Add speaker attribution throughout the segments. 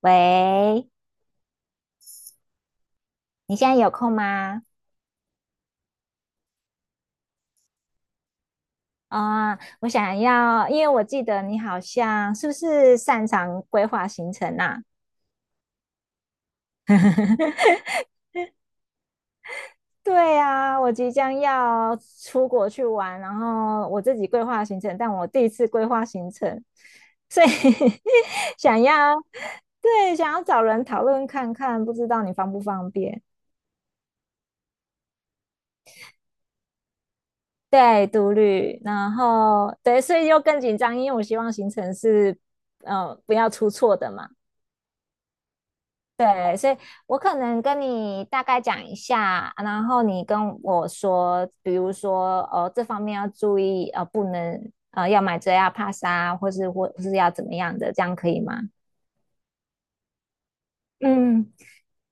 Speaker 1: 喂，你现在有空吗？我想要，因为我记得你好像是不是擅长规划行程啊？对啊，我即将要出国去玩，然后我自己规划行程，但我第一次规划行程，所以 想要，对，想要找人讨论看看，不知道你方不方便？对，独旅，然后对，所以又更紧张，因为我希望行程是，不要出错的嘛。对，我可能跟你大概讲一下，然后你跟我说，比如说，这方面要注意，不能，要买遮压帕莎，或是要怎么样的，这样可以吗？嗯，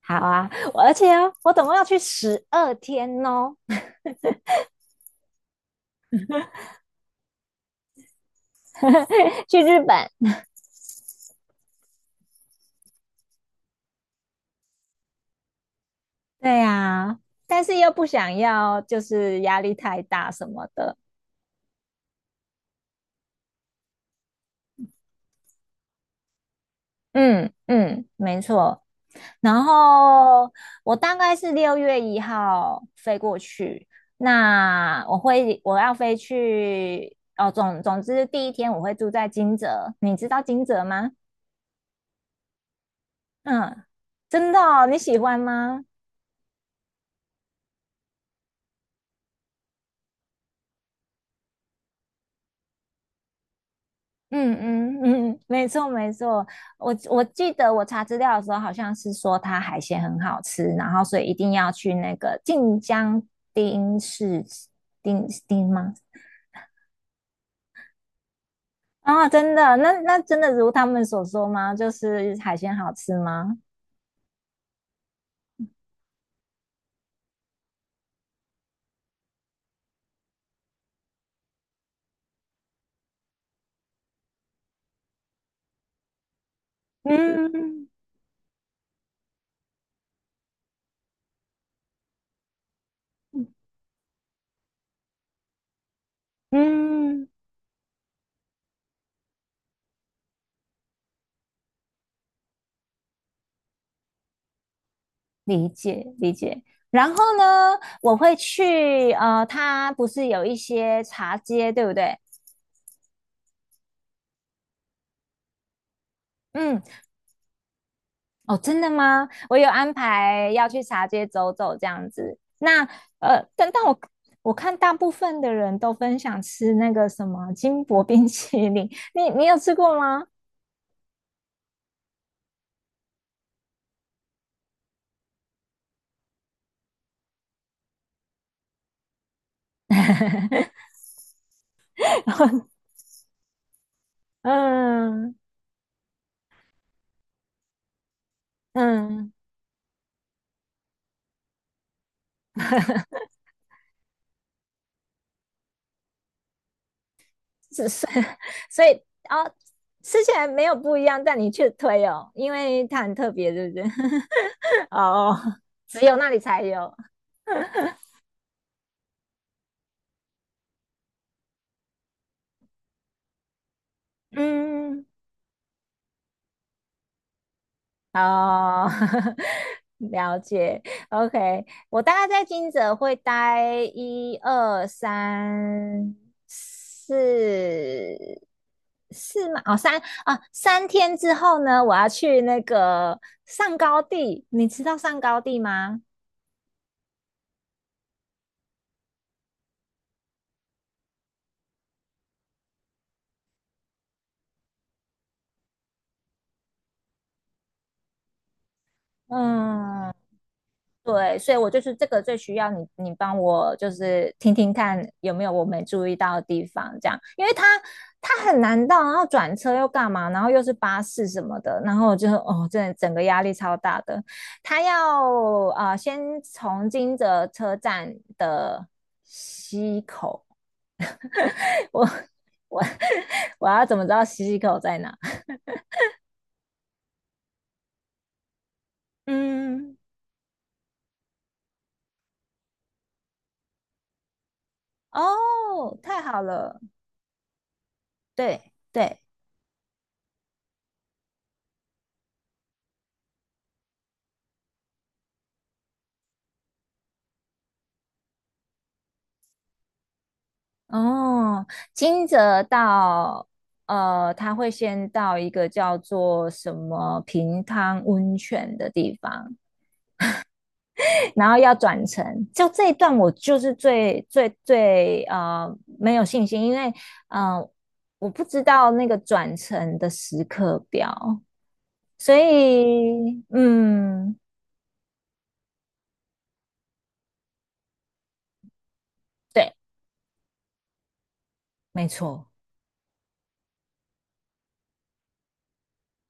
Speaker 1: 好啊，我而且总共要去12天哦，去日本。对呀，但是又不想要，就是压力太大什么的。嗯嗯，没错。然后我大概是6月1号飞过去，那我要飞去哦，总之第一天我会住在金泽，你知道金泽吗？嗯，真的哦，你喜欢吗？嗯嗯嗯，没错没错，我记得我查资料的时候，好像是说它海鲜很好吃，然后所以一定要去那个晋江町市町町吗？啊，真的，那那真的如他们所说吗？就是海鲜好吃吗？嗯嗯，理解理解。然后呢，我会去它不是有一些茶街，对不对？嗯，哦，真的吗？我有安排要去茶街走走这样子。那但我看大部分的人都分享吃那个什么金箔冰淇淋，你有吃过吗？嗯嗯，是是，所以啊哦，吃起来没有不一样，但你却推哦，因为它很特别，对不对？哦，只有那里才有。嗯，哦，了解。OK,我大概在金泽会待一二三四四嘛，哦三3天之后呢，我要去那个上高地，你知道上高地吗？嗯，对，所以我就是这个最需要你，你帮我就是听听看有没有我没注意到的地方，这样，因为他很难到，然后转车又干嘛，然后又是巴士什么的，然后我就哦，真的整个压力超大的。他要先从金泽车站的西口，我我 我要怎么知道西口在哪？嗯，哦，太好了，对对。哦，金泽到他会先到一个叫做什么平汤温泉的地方，然后要转乘。就这一段，我就是最没有信心，因为嗯、呃，我不知道那个转乘的时刻表，所以嗯，对，没错。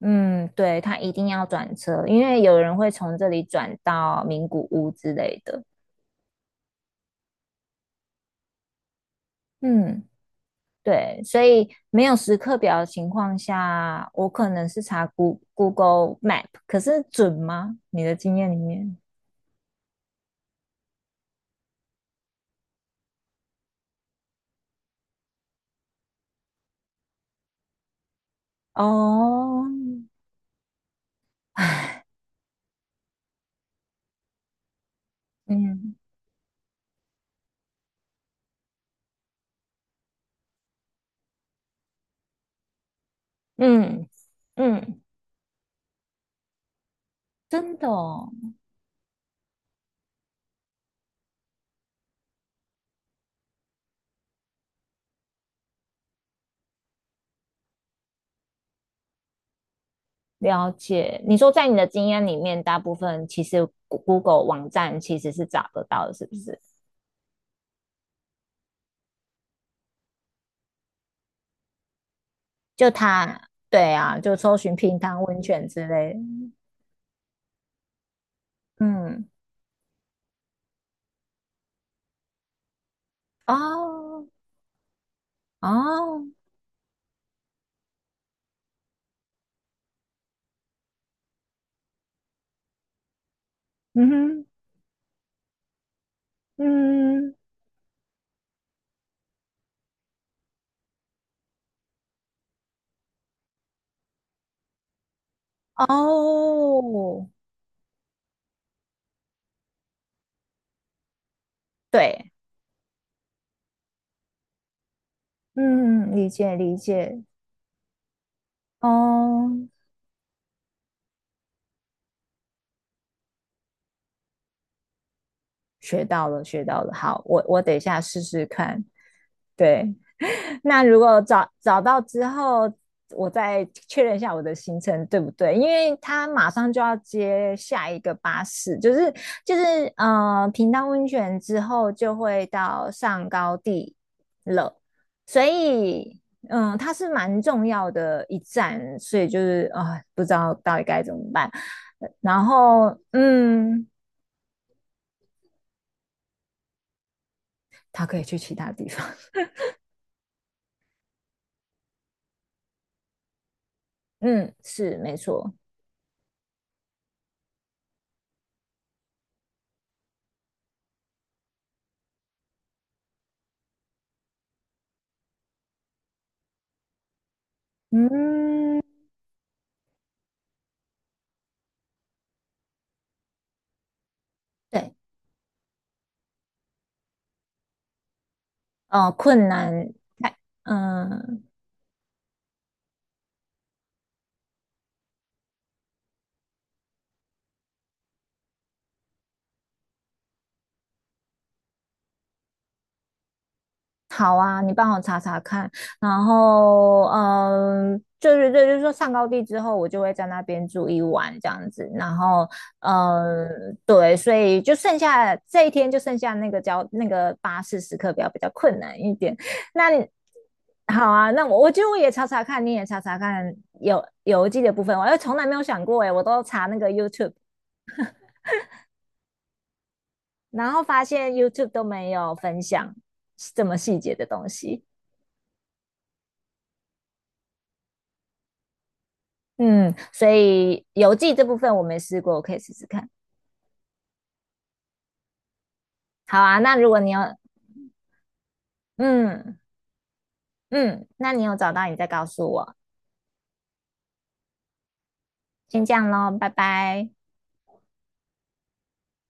Speaker 1: 嗯，对，他一定要转车，因为有人会从这里转到名古屋之类的。嗯。对，所以没有时刻表的情况下，我可能是查 Goo- g l e Map,可是准吗？你的经验里面？哦，唉嗯嗯嗯，真的哦，了解。你说在你的经验里面，大部分其实 Goo- g l e 网站其实是找得到的，是不是？就它，对啊，就搜寻平汤温泉之类的嗯，哦哦，嗯哼，嗯。哦，对，嗯，理解理解，哦，学到了学到了，好，我等一下试试看，对，那如果找到之后，我再确认一下我的行程对不对？因为他马上就要接下一个巴士，就是平潭温泉之后就会到上高地了，所以嗯，它是蛮重要的一站，所以就是不知道到底该怎么办。然后嗯，他可以去其他地方，嗯，是没错，嗯，对。困难，哎嗯，好啊，你帮我查查看，然后嗯，就是对，就是说上高地之后，我就会在那边住一晚这样子，然后嗯，对，所以就剩下这一天就剩下那个交那个巴士时刻表比较困难一点，那你好啊，那我觉得我也查查看，你也查查看有邮寄的部分，我从来没有想过诶，我都查那个 YouTube,然后发现 YouTube 都没有分享这么细节的东西。嗯，所以邮寄这部分我没试过，我可以试试看。好啊，那如果你有，嗯嗯，那你有找到，你再告诉我。先这样咯，拜拜。